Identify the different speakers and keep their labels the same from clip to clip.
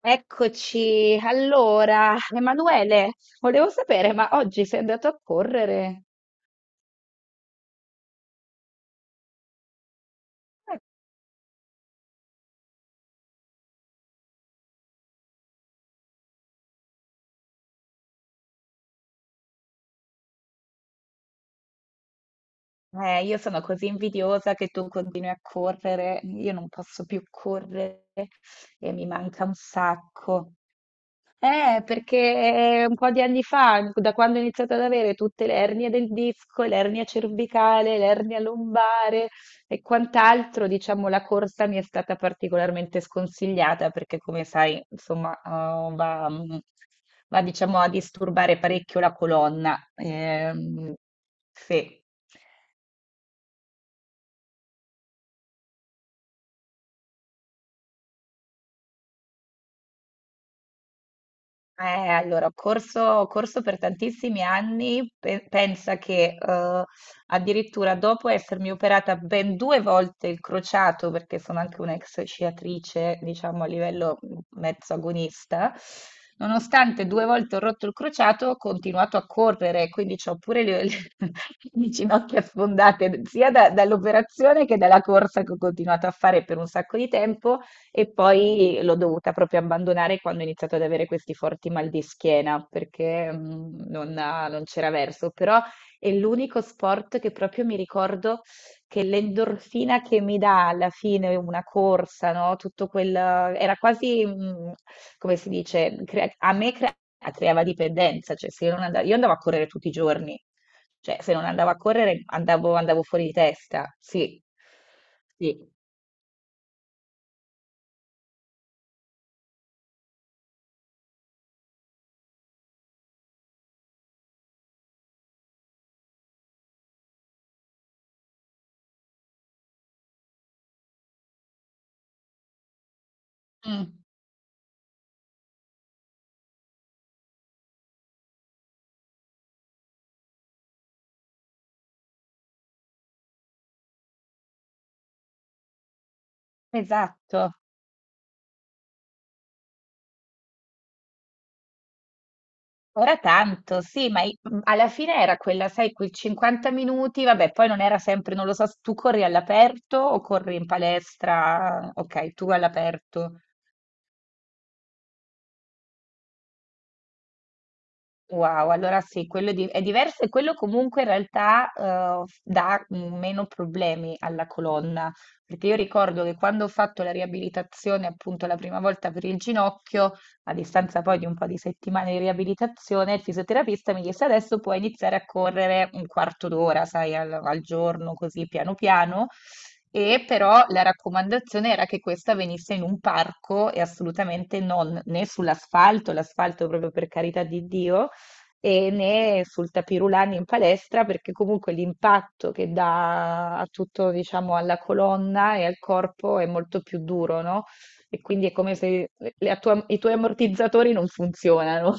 Speaker 1: Eccoci, allora, Emanuele, volevo sapere, ma oggi sei andato a correre? Io sono così invidiosa che tu continui a correre, io non posso più correre e mi manca un sacco. Perché un po' di anni fa, da quando ho iniziato ad avere tutte le ernie del disco, l'ernia cervicale, l'ernia lombare e quant'altro, diciamo, la corsa mi è stata particolarmente sconsigliata perché, come sai, insomma, va, diciamo, a disturbare parecchio la colonna. Sì. Allora, ho corso per tantissimi anni, pensa che addirittura dopo essermi operata ben due volte il crociato, perché sono anche un'ex sciatrice, diciamo a livello mezzo agonista, nonostante due volte ho rotto il crociato, ho continuato a correre, quindi ho pure le ginocchia sfondate sia dall'operazione che dalla corsa che ho continuato a fare per un sacco di tempo. E poi l'ho dovuta proprio abbandonare quando ho iniziato ad avere questi forti mal di schiena perché non c'era verso, però è l'unico sport che proprio mi ricordo che l'endorfina che mi dà alla fine una corsa, no? Tutto quel era quasi, come si dice, a me creava dipendenza, cioè se io non andavo, io andavo a correre tutti i giorni, cioè se non andavo a correre andavo fuori di testa, sì, sì. Mm, esatto. Ora tanto, sì, ma alla fine era quella, sai, quei 50 minuti, vabbè, poi non era sempre, non lo so, tu corri all'aperto o corri in palestra, ok, tu all'aperto. Wow, allora sì, quello è diverso e quello comunque in realtà dà meno problemi alla colonna, perché io ricordo che quando ho fatto la riabilitazione appunto la prima volta per il ginocchio, a distanza poi di un po' di settimane di riabilitazione, il fisioterapista mi disse adesso puoi iniziare a correre un quarto d'ora, sai, al, al giorno, così piano piano. E però la raccomandazione era che questa venisse in un parco e assolutamente non né sull'asfalto, l'asfalto proprio per carità di Dio, e né sul tapirulani in palestra perché comunque l'impatto che dà a tutto, diciamo, alla colonna e al corpo è molto più duro, no? E quindi è come se la i tuoi ammortizzatori non funzionano.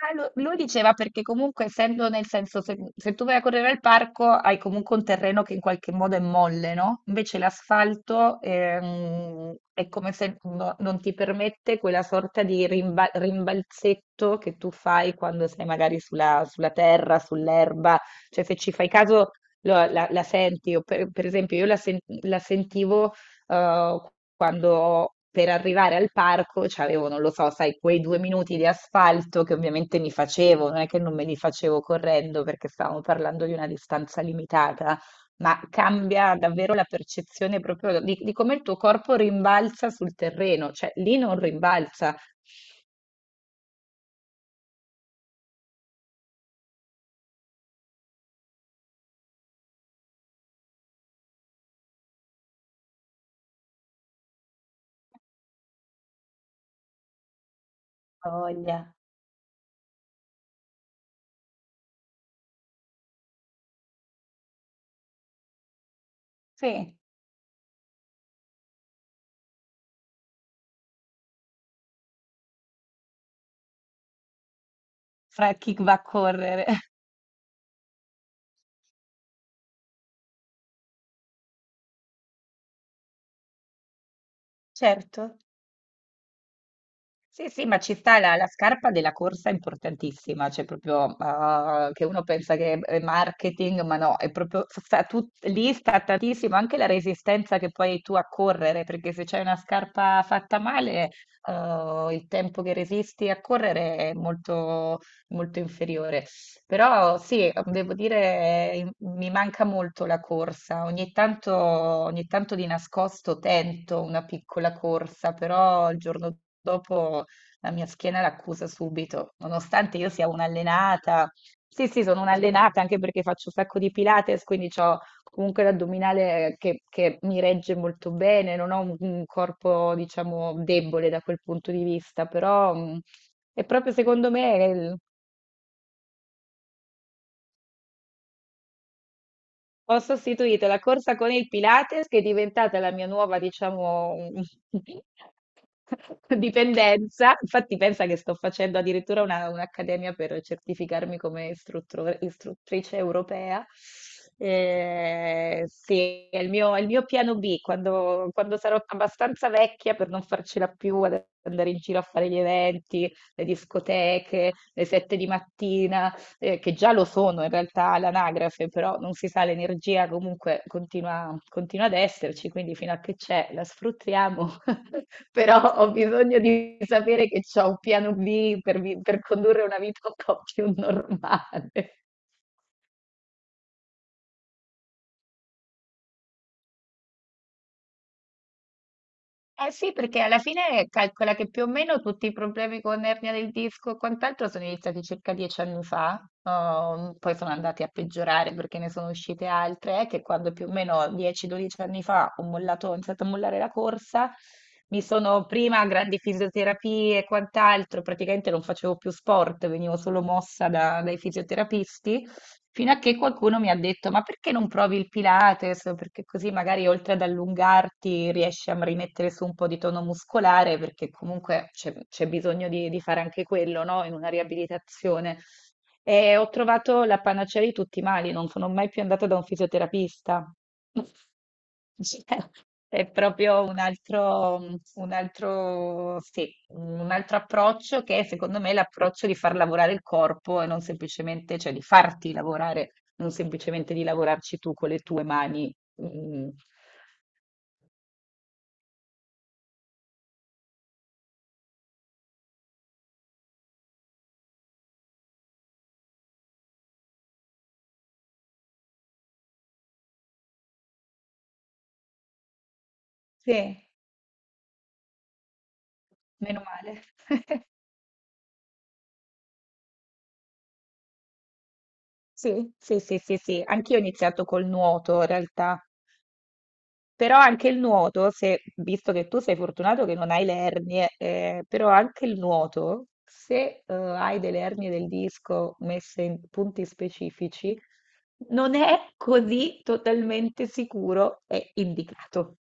Speaker 1: Ah, lui diceva perché comunque essendo nel senso se, se tu vai a correre al parco hai comunque un terreno che in qualche modo è molle, no? Invece l'asfalto, è come se non ti permette quella sorta di rimbalzetto che tu fai quando sei magari sulla, sulla terra, sull'erba, cioè se ci fai caso la senti, o per esempio io la sentivo eh, quando per arrivare al parco c'avevo, non lo so, sai, quei 2 minuti di asfalto che ovviamente mi facevo, non è che non me li facevo correndo perché stavamo parlando di una distanza limitata, ma cambia davvero la percezione proprio di come il tuo corpo rimbalza sul terreno, cioè lì non rimbalza. Voglia. Sì, fra chi va a correre. Certo. Sì, sì, ma ci sta la scarpa della corsa è importantissima, cioè proprio ah, che uno pensa che è marketing, ma no, è proprio sta lì sta tantissimo anche la resistenza che poi hai tu a correre, perché se c'hai una scarpa fatta male, il tempo che resisti a correre è molto, molto inferiore. Però sì, devo dire, mi manca molto la corsa. Ogni tanto di nascosto tento una piccola corsa, però il giorno dopo la mia schiena l'accusa subito, nonostante io sia un'allenata. Sì, sì, sono un'allenata anche perché faccio un sacco di Pilates, quindi ho comunque l'addominale che mi regge molto bene, non ho un corpo, diciamo, debole da quel punto di vista, però, è proprio secondo me. Ho sostituito la corsa con il Pilates, che è diventata la mia nuova, diciamo, dipendenza. Infatti, pensa che sto facendo addirittura un'accademia per certificarmi come istruttrice europea. Eh sì, è il mio piano B. Quando, quando sarò abbastanza vecchia per non farcela più ad andare in giro a fare gli eventi, le discoteche, le 7 di mattina, che già lo sono in realtà all'anagrafe, però non si sa, l'energia comunque continua, continua ad esserci, quindi fino a che c'è la sfruttiamo, però ho bisogno di sapere che c'ho un piano B per, per condurre una vita un po' più normale. Eh sì, perché alla fine calcola che più o meno tutti i problemi con ernia del disco e quant'altro sono iniziati circa 10 anni fa, poi sono andati a peggiorare perché ne sono uscite altre, che quando più o meno 10-12 anni fa ho mollato, ho iniziato a mollare la corsa, mi sono prima a grandi fisioterapie e quant'altro, praticamente non facevo più sport, venivo solo mossa dai fisioterapisti. Fino a che qualcuno mi ha detto: ma perché non provi il Pilates? Perché così magari oltre ad allungarti riesci a rimettere su un po' di tono muscolare, perché comunque c'è bisogno di fare anche quello, no? In una riabilitazione. E ho trovato la panacea di tutti i mali, non sono mai più andata da un fisioterapista. È proprio un altro, un altro approccio che è, secondo me, l'approccio di far lavorare il corpo e non semplicemente, cioè di farti lavorare, non semplicemente di lavorarci tu con le tue mani. Mh-mh. Sì, meno male. Sì, sì, sì, sì, sì. Anch'io ho iniziato col nuoto in realtà. Però anche il nuoto, se, visto che tu sei fortunato che non hai le ernie, però anche il nuoto, se hai delle ernie del disco messe in punti specifici, non è così totalmente sicuro e indicato.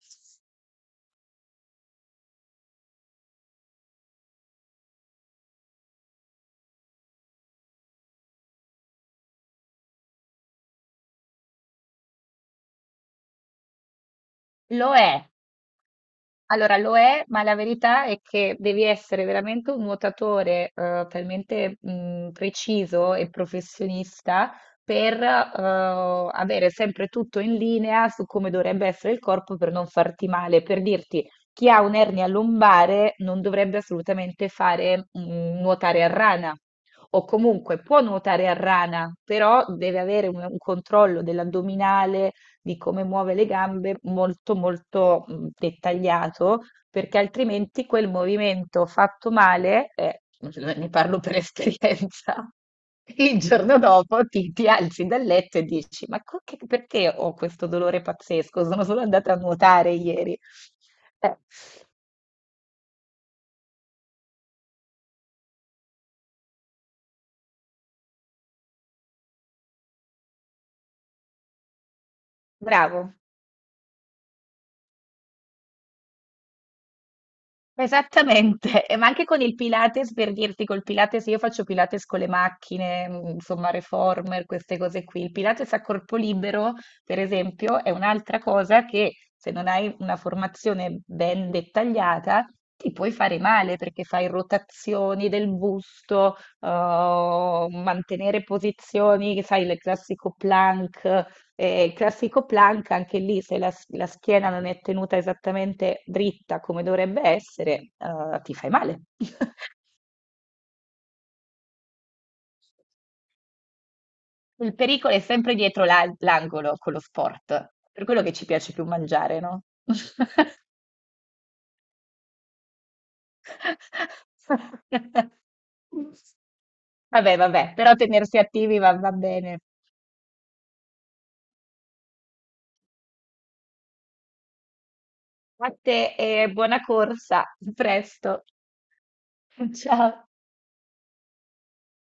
Speaker 1: Lo è. Allora lo è, ma la verità è che devi essere veramente un nuotatore talmente preciso e professionista per avere sempre tutto in linea su come dovrebbe essere il corpo per non farti male. Per dirti, chi ha un'ernia lombare non dovrebbe assolutamente fare, nuotare a rana. O comunque può nuotare a rana, però deve avere un controllo dell'addominale, di come muove le gambe molto molto dettagliato, perché altrimenti quel movimento fatto male, ne parlo per esperienza, il giorno dopo ti alzi dal letto e dici, ma perché ho questo dolore pazzesco? Sono solo andata a nuotare ieri. Eh, Bravo. Esattamente, e ma anche con il Pilates, per dirti, col Pilates io faccio Pilates con le macchine, insomma, reformer, queste cose qui. Il Pilates a corpo libero, per esempio, è un'altra cosa che se non hai una formazione ben dettagliata ti puoi fare male perché fai rotazioni del busto, mantenere posizioni, sai, il classico plank. Il classico plank, anche lì, se la schiena non è tenuta esattamente dritta come dovrebbe essere, ti fai male. Il pericolo è sempre dietro l'angolo con lo sport, per quello che ci piace più mangiare, no? Vabbè, vabbè, però tenersi attivi va, va bene. A te e buona corsa, a presto. Ciao.